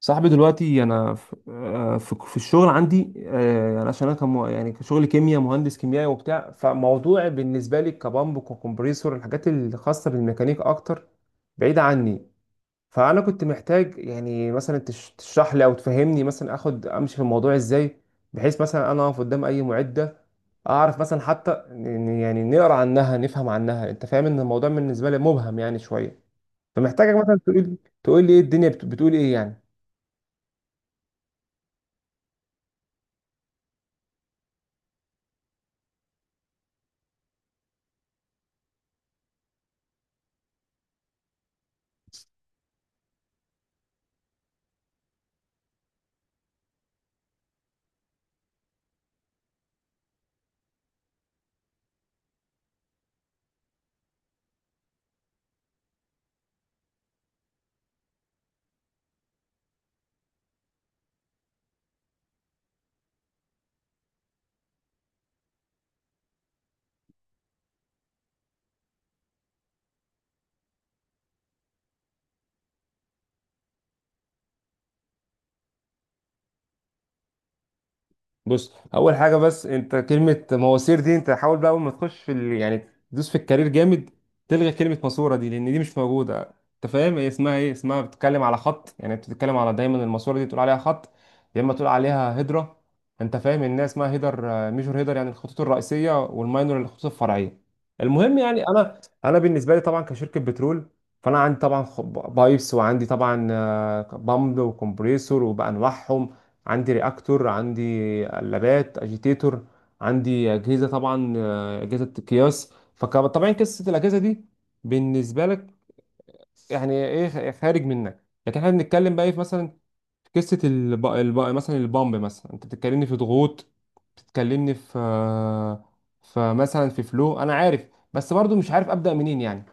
صاحبي دلوقتي انا في الشغل عندي، يعني عشان انا كم، يعني كشغل كيمياء، مهندس كيميائي وبتاع، فموضوع بالنسبه لي كبامب وكمبريسور، الحاجات الخاصه بالميكانيك اكتر بعيده عني. فانا كنت محتاج يعني مثلا تشرح لي او تفهمني مثلا اخد امشي في الموضوع ازاي، بحيث مثلا انا اقف قدام اي معده اعرف مثلا يعني نقرا عنها نفهم عنها. انت فاهم ان الموضوع بالنسبه لي مبهم يعني شويه، فمحتاجك مثلا تقول لي ايه الدنيا بتقول ايه يعني. بص، اول حاجه بس، انت كلمه مواسير دي، انت حاول بقى اول ما تخش يعني تدوس في الكارير جامد، تلغي كلمه ماسوره دي، لان دي مش موجوده. انت فاهم هي اسمها ايه؟ اسمها، بتتكلم على خط، يعني انت بتتكلم على دايما الماسوره دي تقول عليها خط، يا اما تقول عليها هيدرا. انت فاهم الناس اسمها هيدر، ميجور هيدر، يعني الخطوط الرئيسيه، والماينور الخطوط الفرعيه. المهم، يعني انا بالنسبه لي طبعا كشركه بترول، فانا عندي طبعا بايبس، وعندي طبعا بامب وكمبريسور وبانواعهم، عندي رياكتور، عندي قلابات اجيتيتور، عندي اجهزه طبعا، اجهزه قياس. فطبعا قصه الاجهزه دي بالنسبه لك يعني ايه خارج منك، لكن احنا بنتكلم بقى إيه في مثلا، في قصه مثلا البامب، مثلا انت بتتكلمني في ضغوط، بتتكلمني في، فمثلا في فلو، انا عارف بس برضو مش عارف ابدا منين يعني.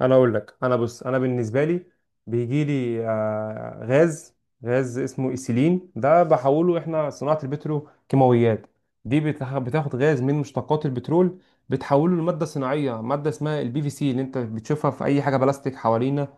انا اقول لك، انا، بص، انا بالنسبه لي بيجي لي غاز. غاز اسمه ايثيلين، ده بحوله احنا صناعه البترو كيماويات، دي بتاخد غاز من مشتقات البترول، بتحوله لماده صناعيه، ماده اسمها البي في سي، اللي انت بتشوفها في اي حاجه بلاستيك حوالينا.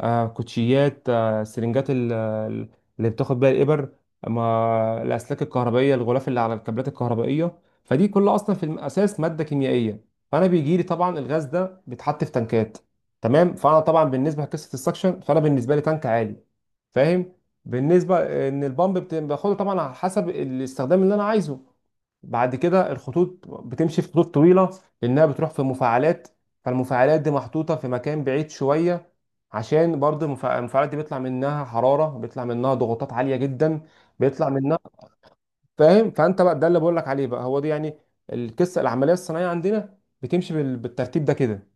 كوتشيات، سرنجات، اللي بتاخد بيها الابر، ما الاسلاك الكهربائيه، الغلاف اللي على الكابلات الكهربائيه، فدي كلها اصلا في الاساس ماده كيميائيه. فانا بيجي لي طبعا الغاز ده، بيتحط في تنكات، تمام. فانا طبعا بالنسبه لقصه السكشن، فانا بالنسبه لي تانك عالي، فاهم. بالنسبه ان البامب باخده طبعا على حسب الاستخدام اللي انا عايزه، بعد كده الخطوط بتمشي في خطوط طويله، لانها بتروح في مفاعلات. فالمفاعلات دي محطوطه في مكان بعيد شويه، عشان برضه المفاعلات دي بيطلع منها حراره، بيطلع منها ضغوطات عاليه جدا، بيطلع منها. فاهم؟ فانت بقى ده اللي بقول لك عليه، بقى هو دي يعني القصه العمليه الصناعيه عندنا، بتمشي بالترتيب ده كده.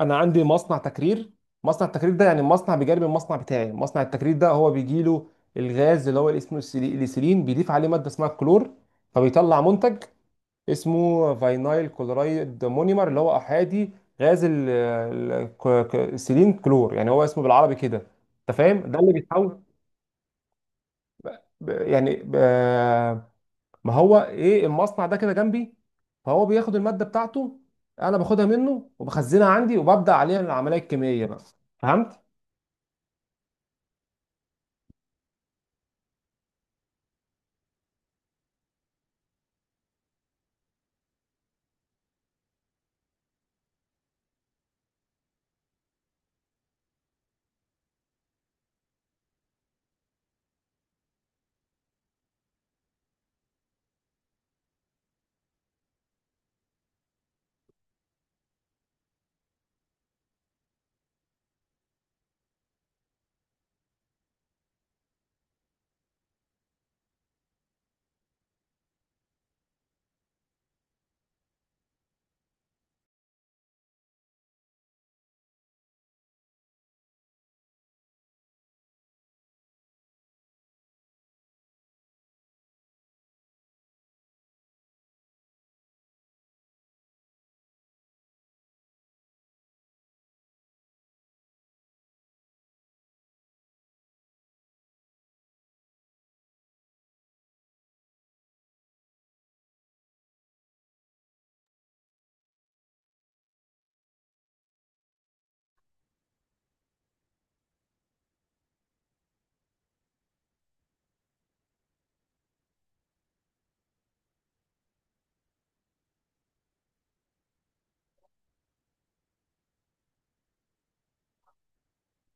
انا عندي مصنع تكرير. مصنع التكرير ده يعني مصنع بجانب المصنع بتاعي. مصنع التكرير ده هو بيجي له الغاز، اللي هو الاسم اليسيلين، بيضيف عليه ماده اسمها الكلور، فبيطلع منتج اسمه فاينايل كلورايد مونيمر، اللي هو احادي غاز السيلين كلور، يعني هو اسمه بالعربي كده. انت فاهم ده اللي بيتحول، ب- يعني ب- ما هو ايه المصنع ده كده جنبي، فهو بياخد الماده بتاعته، انا باخدها منه وبخزنها عندي، وببدا عليها العمليه الكيميائيه بقى، فهمت.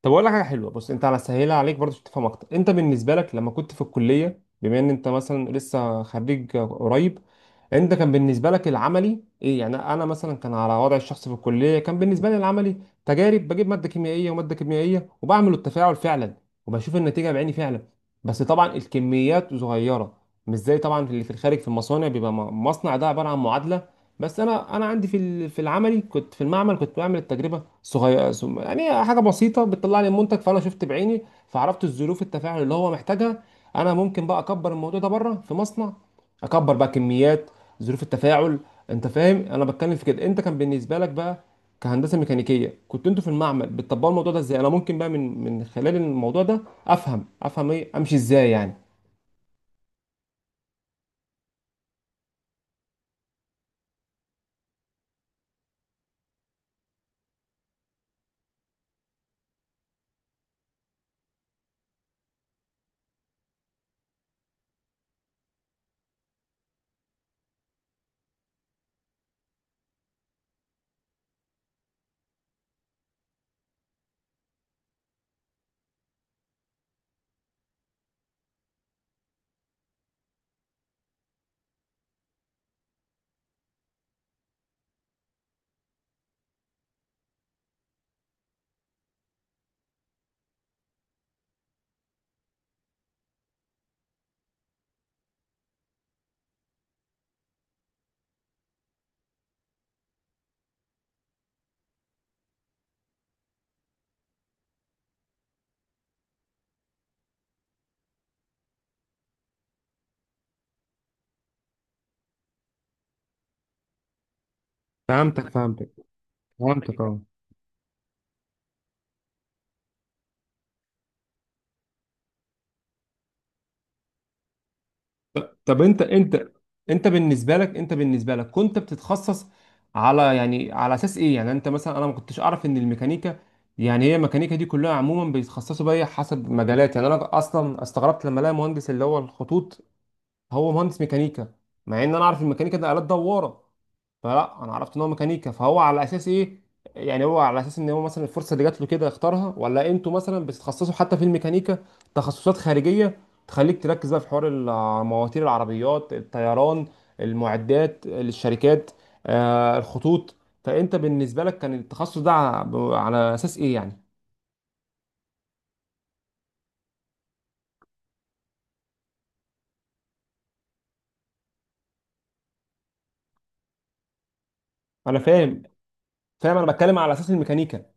طب اقول لك حاجه حلوه، بص انت على سهيلها عليك برضه عشان تفهم اكتر. انت بالنسبه لك لما كنت في الكليه، بما ان انت مثلا لسه خريج قريب، انت كان بالنسبه لك العملي ايه يعني؟ انا مثلا، كان على وضع الشخص في الكليه، كان بالنسبه لي العملي تجارب، بجيب ماده كيميائيه وماده كيميائيه، وبعمل التفاعل فعلا، وبشوف النتيجه بعيني فعلا. بس طبعا الكميات صغيره، مش زي طبعا اللي في الخارج في المصانع، بيبقى مصنع ده عباره عن معادله. بس انا عندي في العملي، كنت في المعمل، كنت بعمل التجربه يعني حاجه بسيطه بتطلع لي المنتج، فانا شفت بعيني، فعرفت الظروف التفاعل اللي هو محتاجها. انا ممكن بقى اكبر الموضوع ده بره في مصنع، اكبر بقى كميات، ظروف التفاعل. انت فاهم انا بتكلم في كده؟ انت كان بالنسبه لك بقى كهندسه ميكانيكيه، كنت انتوا في المعمل بتطبقوا الموضوع ده ازاي، انا ممكن بقى من خلال الموضوع ده افهم ايه امشي ازاي يعني. فهمتك، فهمتك، فهمتك، اه. طب انت بالنسبه لك كنت بتتخصص على، يعني على اساس ايه يعني؟ انت مثلا، انا ما كنتش اعرف ان الميكانيكا، يعني هي الميكانيكا دي كلها عموما بيتخصصوا بيها حسب مجالات، يعني انا اصلا استغربت لما الاقي مهندس اللي هو الخطوط، هو مهندس ميكانيكا، مع ان انا اعرف الميكانيكا ده آلات دواره. فلا، انا عرفت ان هو ميكانيكا، فهو على اساس ايه؟ يعني هو على اساس ان هو مثلا الفرصه اللي جات له كده اختارها، ولا انتوا مثلا بتتخصصوا حتى في الميكانيكا تخصصات خارجيه تخليك تركز بقى في حوار مواتير العربيات، الطيران، المعدات للشركات، الخطوط. فانت بالنسبه لك كان التخصص ده على اساس ايه يعني؟ انا فاهم، فاهم. انا بتكلم على اساس الميكانيكا.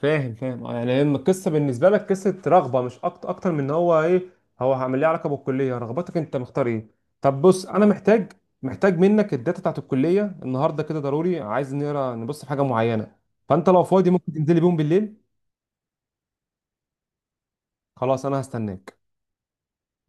فاهم، فاهم، يعني لما القصه بالنسبه لك قصه رغبه مش اكتر، اكتر من ان هو ايه هو هعمل ليه علاقه بالكليه، رغبتك انت مختار ايه. طب بص، انا محتاج منك الداتا بتاعت الكليه النهارده كده ضروري، عايز نقرا نبص في حاجه معينه. فانت لو فاضي ممكن تنزلي بيهم بالليل. خلاص، انا هستناك.